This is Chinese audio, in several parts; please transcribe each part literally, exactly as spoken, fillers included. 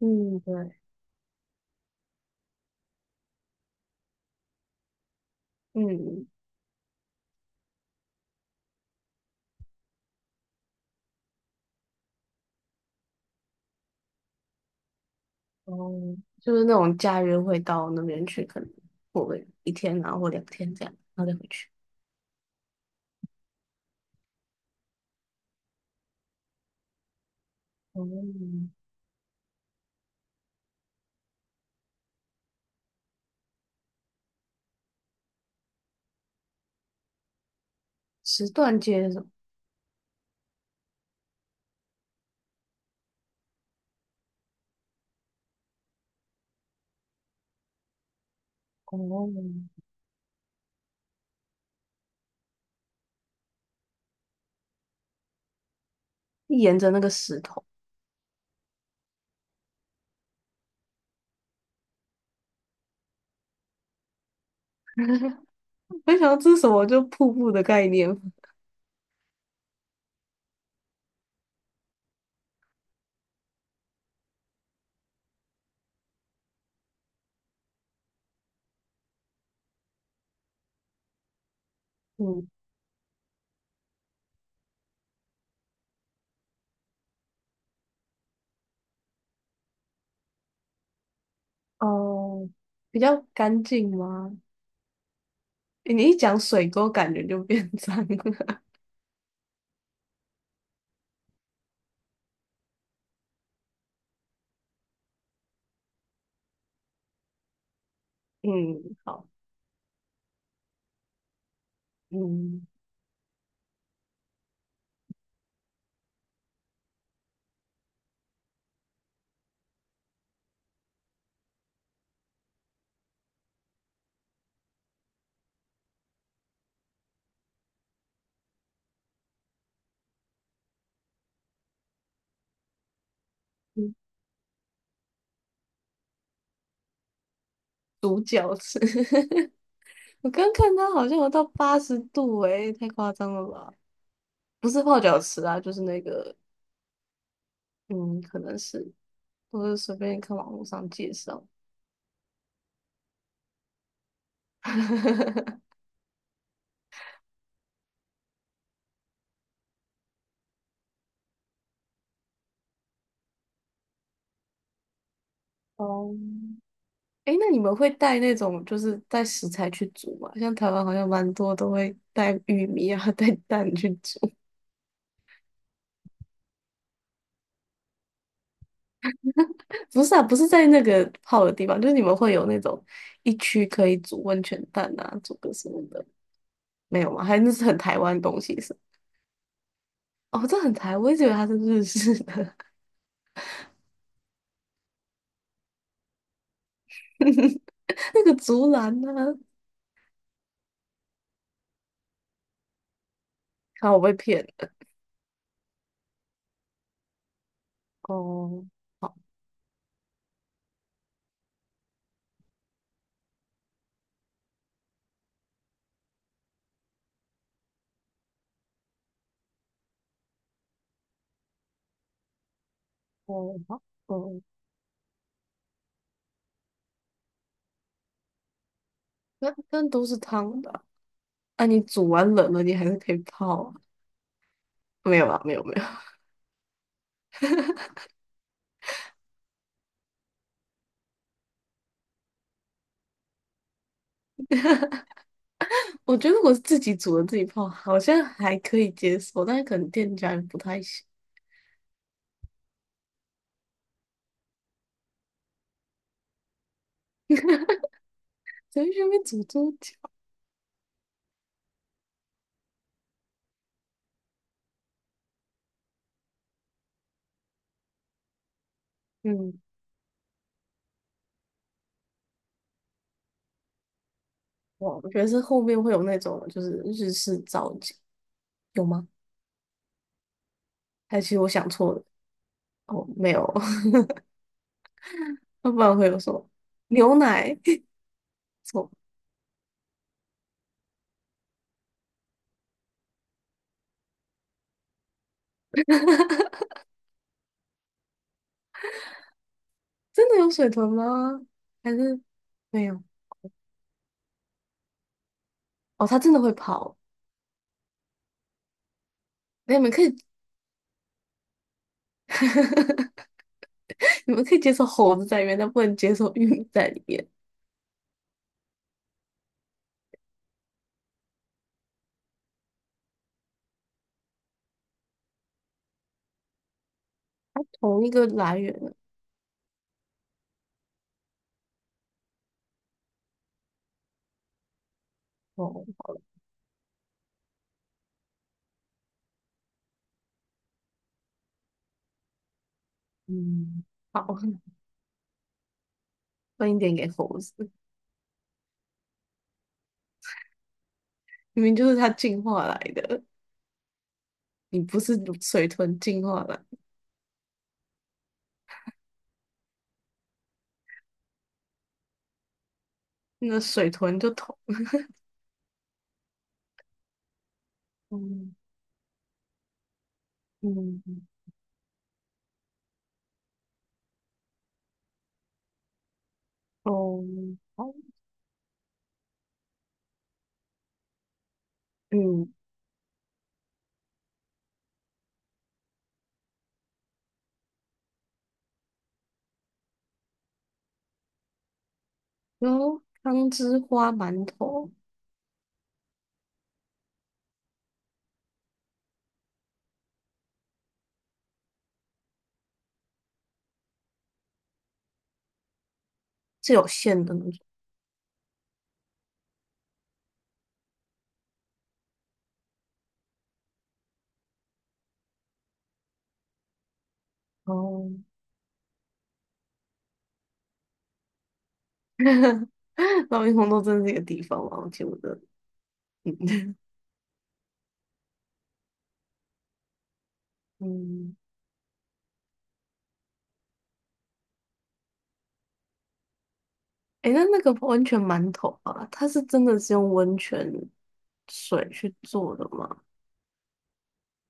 嗯，对。嗯。哦，就是那种假日会到那边去，可能过个一天，然后或两天这样，然后再回去。哦，石段街是什么？哦，沿着那个石头。没想到这是什么，就瀑布的概念。嗯。哦，比较干净吗？诶你一讲水沟，感觉就变脏了。嗯，好。嗯。嗯独角池，我刚看它好像有到八十度，诶，太夸张了吧？不是泡脚池啊，就是那个，嗯，可能是，我是随便看网络上介绍。哦。诶，那你们会带那种就是带食材去煮吗？像台湾好像蛮多都会带玉米啊，带蛋去煮。不是啊，不是在那个泡的地方，就是你们会有那种一区可以煮温泉蛋啊，煮个什么的。没有吗？还是那是很台湾的东西是？哦，这很台，我一直以为它是日式的。那个竹篮呢、啊？看我被骗了。哦。哦，好。哦，那那都是汤的啊。啊你煮完冷了，你还是可以泡啊。没有啊，没有没有。我觉得我自己煮了自己泡，好像还可以接受，但是可能店家人不太行。在那边煮多久？嗯。哇，我觉得是后面会有那种就是日式造景。有吗？还是我想错了？哦，没有。那不然会有什么牛奶？错。真的有水豚吗？还是没有？哦，它真的会跑。那你们可以。你们可以接受猴子在里面，但不能接受玉米在里面。它同一个来源的。哦，好了。嗯，好。分一点给猴子，明明就是它进化来的。你不是水豚进化来的。那水豚就同，嗯。嗯。哦，好。嗯。然后汤汁花馒头是有馅的那种。哦。老鹰红豆真的是一个地方吗？我记不得。嗯。嗯。诶，那那个温泉馒头啊，它是真的是用温泉水去做的吗？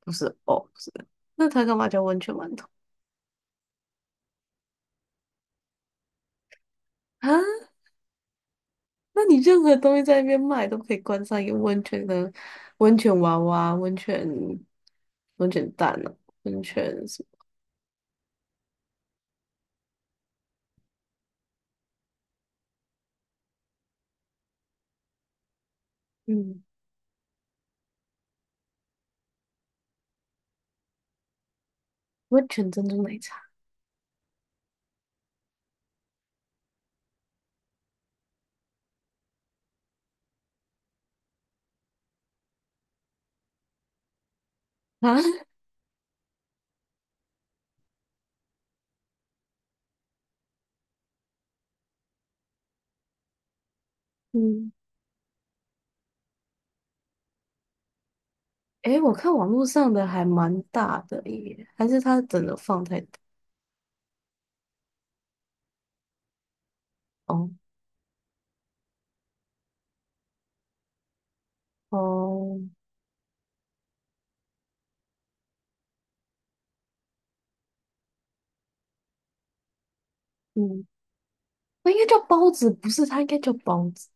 不是，哦，不是，那它干嘛叫温泉馒头啊？那你任何东西在那边卖都可以冠上一个温泉的温泉娃娃、温泉温泉蛋呢？温泉什么？嗯，温泉珍珠奶茶啊？嗯。诶，我看网络上的还蛮大的耶，还是它整个放太大？哦。哦。嗯，那应该叫包子，不是？它应该叫包子。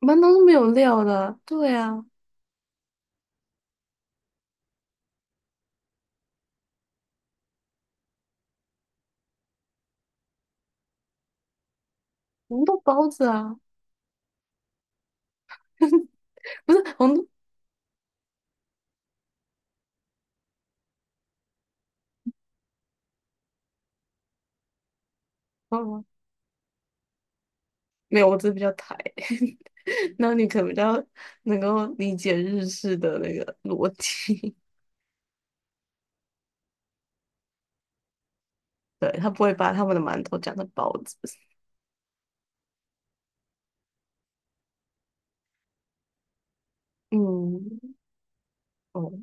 馒头是没有料的，对啊。红豆包子啊。不是红豆，包哦。没有，我只是比较台。那你可能比较能够理解日式的那个逻辑。对，他不会把他们的馒头讲成包子。嗯。哦。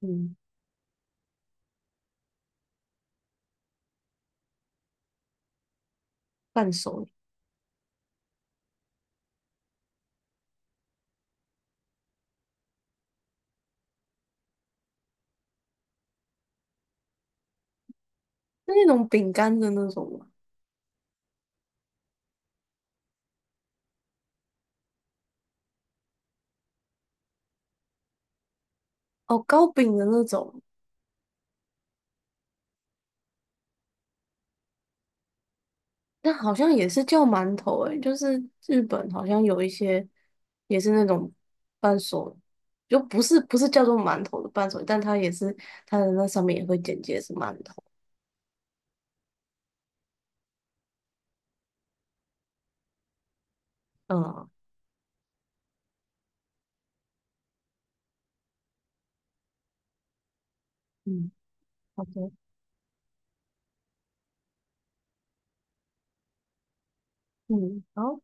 嗯，半熟。是那种饼干的那种吗？哦，糕饼的那种。那好像也是叫馒头诶、就是日本好像有一些也是那种伴手，就不是不是叫做馒头的伴手，但它也是它的那上面也会简介是馒头。嗯。嗯，好的。嗯好。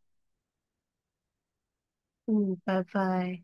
嗯，拜拜。